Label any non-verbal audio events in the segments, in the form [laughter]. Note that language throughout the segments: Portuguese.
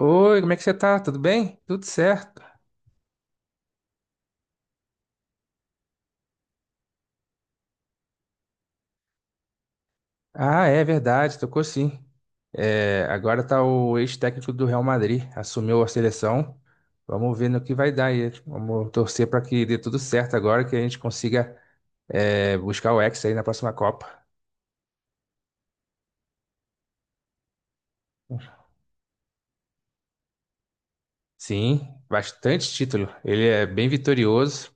Oi, como é que você tá? Tudo bem? Tudo certo. Ah, é verdade, tocou sim. Agora tá o ex-técnico do Real Madrid, assumiu a seleção. Vamos ver no que vai dar aí. Vamos torcer para que dê tudo certo agora, que a gente consiga buscar o Hexa aí na próxima Copa. Sim, bastante título. Ele é bem vitorioso,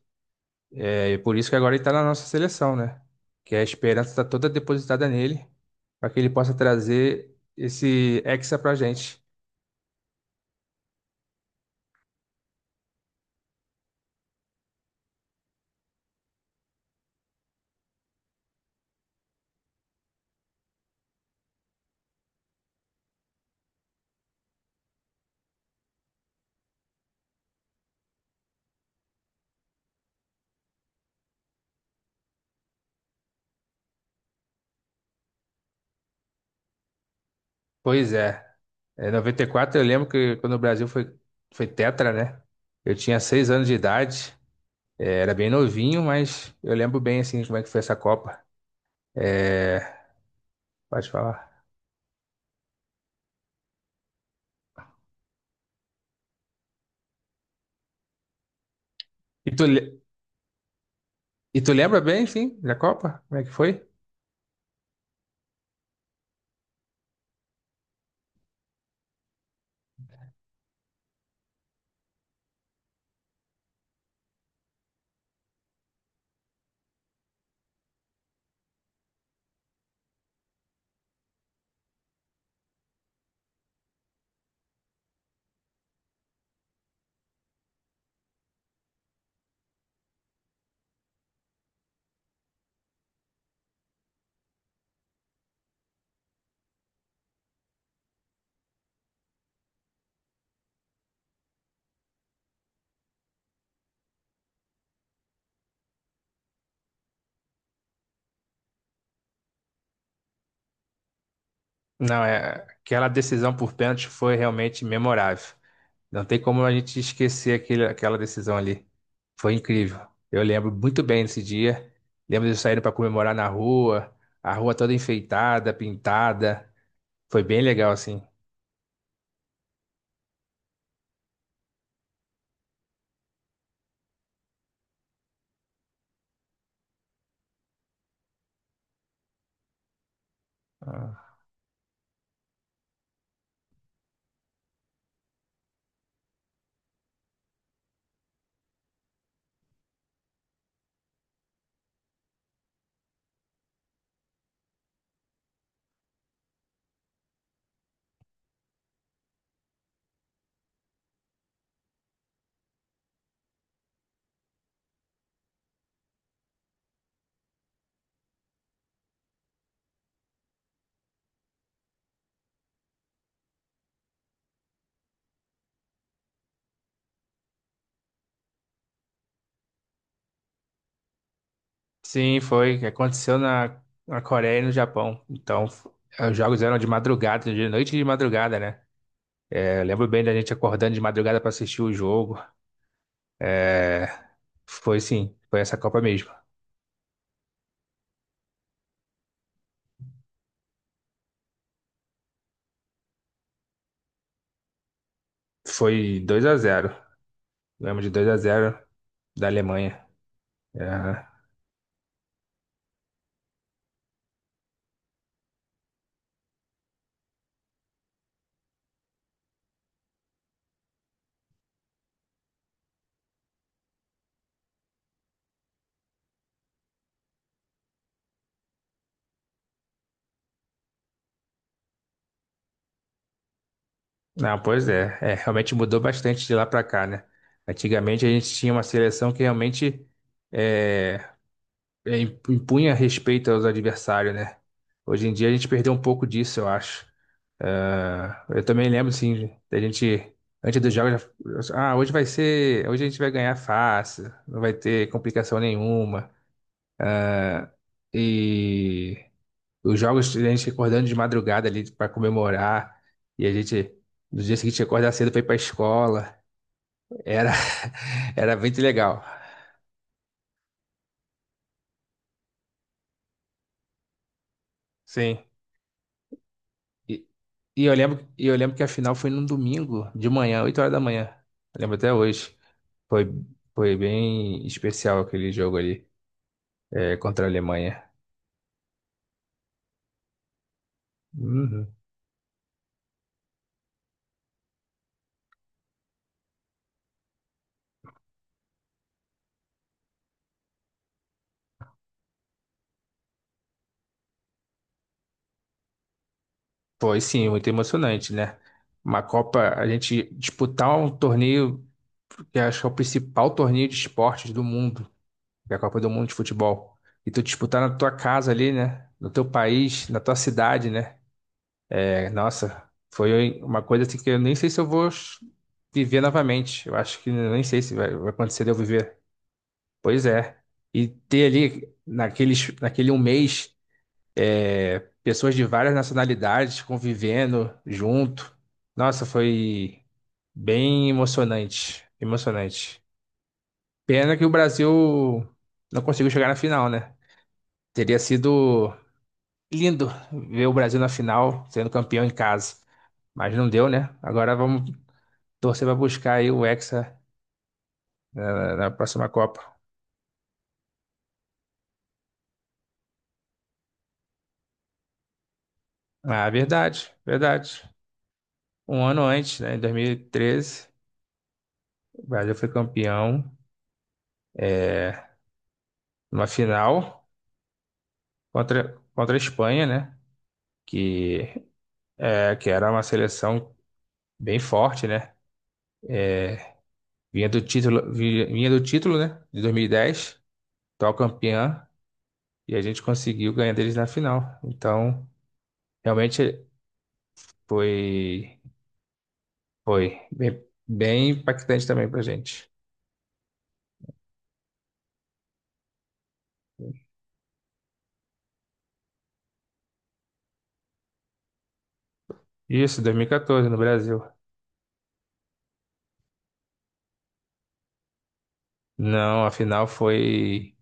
é e por isso que agora ele tá na nossa seleção, né? Que a esperança está toda depositada nele, para que ele possa trazer esse Hexa pra gente. Pois é. Em 94 eu lembro que quando o Brasil foi, foi tetra, né? Eu tinha seis anos de idade, era bem novinho, mas eu lembro bem, assim, como é que foi essa Copa. É, Pode falar. E tu, le- e tu lembra bem, sim, da Copa? Como é que foi? Não, é, aquela decisão por pênalti foi realmente memorável. Não tem como a gente esquecer aquela decisão ali. Foi incrível. Eu lembro muito bem desse dia. Lembro de eu saindo para comemorar na rua, a rua toda enfeitada, pintada. Foi bem legal, assim. Sim, foi. Que Aconteceu na Coreia e no Japão. Então, os jogos eram de madrugada, de noite e de madrugada, né? É, eu lembro bem da gente acordando de madrugada pra assistir o jogo. Foi sim, foi essa Copa mesmo. Foi 2 a zero. Lembro de 2 a zero da Alemanha. É. Não, pois é. É, realmente mudou bastante de lá pra cá, né? Antigamente a gente tinha uma seleção que realmente é, impunha respeito aos adversários, né? Hoje em dia a gente perdeu um pouco disso, eu acho. Ah, eu também lembro, sim, da gente, antes dos jogos, ah, hoje a gente vai ganhar fácil, não vai ter complicação nenhuma. É. E os jogos, a gente acordando de madrugada ali pra comemorar, e a gente, no dia seguinte, acordar cedo pra ir pra escola, era, [laughs] era muito legal. Sim. E, e eu lembro que a final foi num domingo de manhã, 8 horas da manhã. Eu lembro até hoje. Foi, foi bem especial aquele jogo ali. É, contra a Alemanha. Uhum. Foi sim, muito emocionante, né? Uma Copa, a gente disputar um torneio que acho que é o principal torneio de esportes do mundo, que é a Copa do Mundo de Futebol. E tu disputar na tua casa ali, né? No teu país, na tua cidade, né? É, nossa, foi uma coisa assim que eu nem sei se eu vou viver novamente. Eu acho que nem sei se vai acontecer de eu viver. Pois é. E ter ali, naquele um mês, pessoas de várias nacionalidades convivendo junto. Nossa, foi bem emocionante. Pena que o Brasil não conseguiu chegar na final, né? Teria sido lindo ver o Brasil na final, sendo campeão em casa. Mas não deu, né? Agora vamos torcer para buscar aí o Hexa na próxima Copa. Ah, verdade, verdade. Um ano antes, né, em 2013, o Brasil foi campeão numa final contra a Espanha, né? que, que era uma seleção bem forte, né? Vinha do título, né? De 2010, atual campeã, e a gente conseguiu ganhar deles na final. Então, realmente foi, foi bem, bem impactante também pra gente. Isso, 2014 no Brasil. Não, a final foi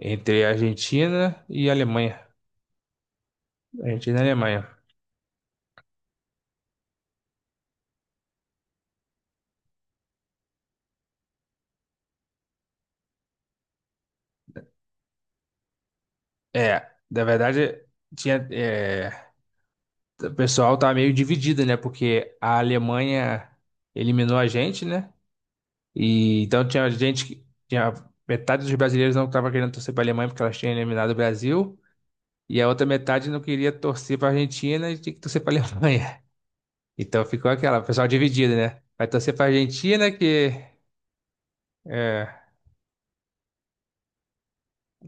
entre a Argentina e a Alemanha. Argentina e Alemanha. É, na verdade, tinha, é, o pessoal tá meio dividido, né? Porque a Alemanha eliminou a gente, né? E então tinha gente que tinha metade dos brasileiros não estava querendo torcer para a Alemanha porque elas tinham eliminado o Brasil, e a outra metade não queria torcer para a Argentina e tinha que torcer para a Alemanha. [laughs] Então ficou aquela, o pessoal dividido, né? Vai torcer para a Argentina que é,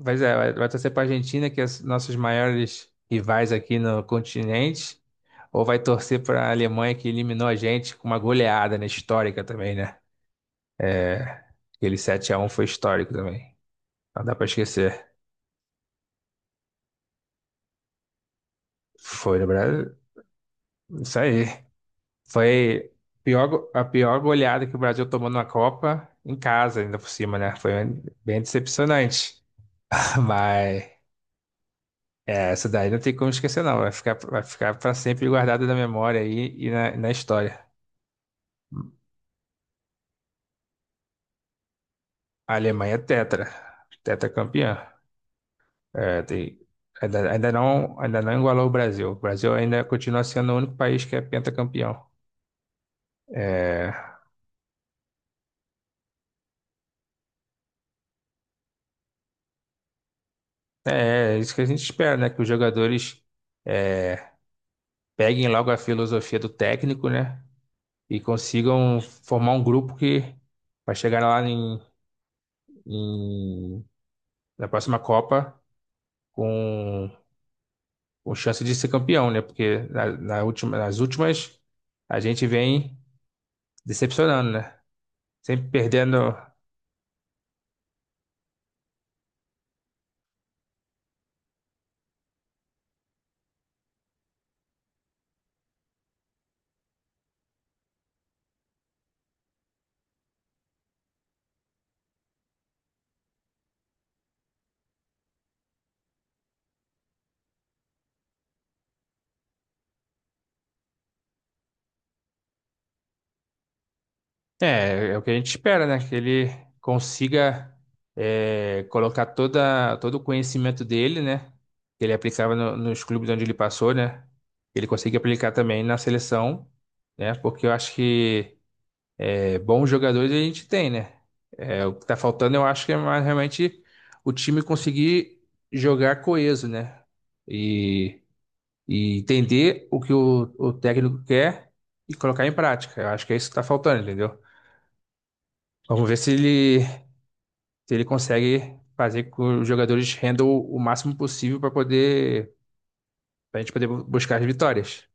pois é, vai torcer para a Argentina que é os nossos maiores rivais aqui no continente. Ou vai torcer para a Alemanha que eliminou a gente com uma goleada, né? Histórica também, né? Aquele sete a um foi histórico também. Não dá pra esquecer. Foi no Brasil. Isso aí. Foi a pior goleada que o Brasil tomou na Copa, em casa, ainda por cima, né? Foi bem decepcionante. [laughs] Mas é, essa daí não tem como esquecer, não. Vai ficar para sempre guardada na memória aí e na história. A Alemanha é tetra. Tetracampeã. É, tem- ainda, ainda não igualou o Brasil. O Brasil ainda continua sendo o único país que é pentacampeão. É, É, é isso que a gente espera, né? Que os jogadores é, peguem logo a filosofia do técnico, né? E consigam formar um grupo que vai chegar lá em- na próxima Copa com, com chance de ser campeão, né? Porque na última, nas últimas a gente vem decepcionando, né? Sempre perdendo. É, é o que a gente espera, né? Que ele consiga colocar todo o conhecimento dele, né? Que ele aplicava nos clubes onde ele passou, né? Ele consiga aplicar também na seleção, né? Porque eu acho que é, bons jogadores a gente tem, né? É, o que tá faltando, eu acho que é mais realmente o time conseguir jogar coeso, né? E, e entender o que o técnico quer e colocar em prática. Eu acho que é isso que tá faltando, entendeu? Vamos ver se ele consegue fazer com que os jogadores rendam o máximo possível para poder, para a gente poder buscar as vitórias.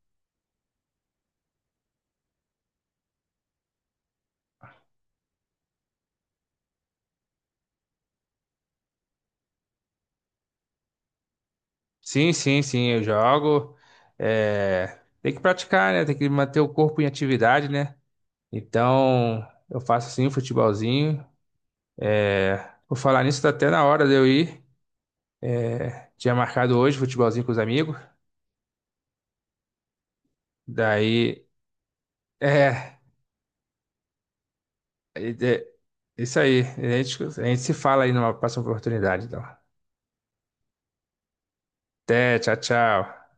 Sim, sim, sim, eu jogo. É, tem que praticar, né? Tem que manter o corpo em atividade, né? Então, eu faço sim um futebolzinho. É, por falar nisso, tá até na hora de eu ir. Tinha marcado hoje futebolzinho com os amigos. Daí, é, é, isso aí. A gente se fala aí numa próxima oportunidade, então. Até, tchau, tchau.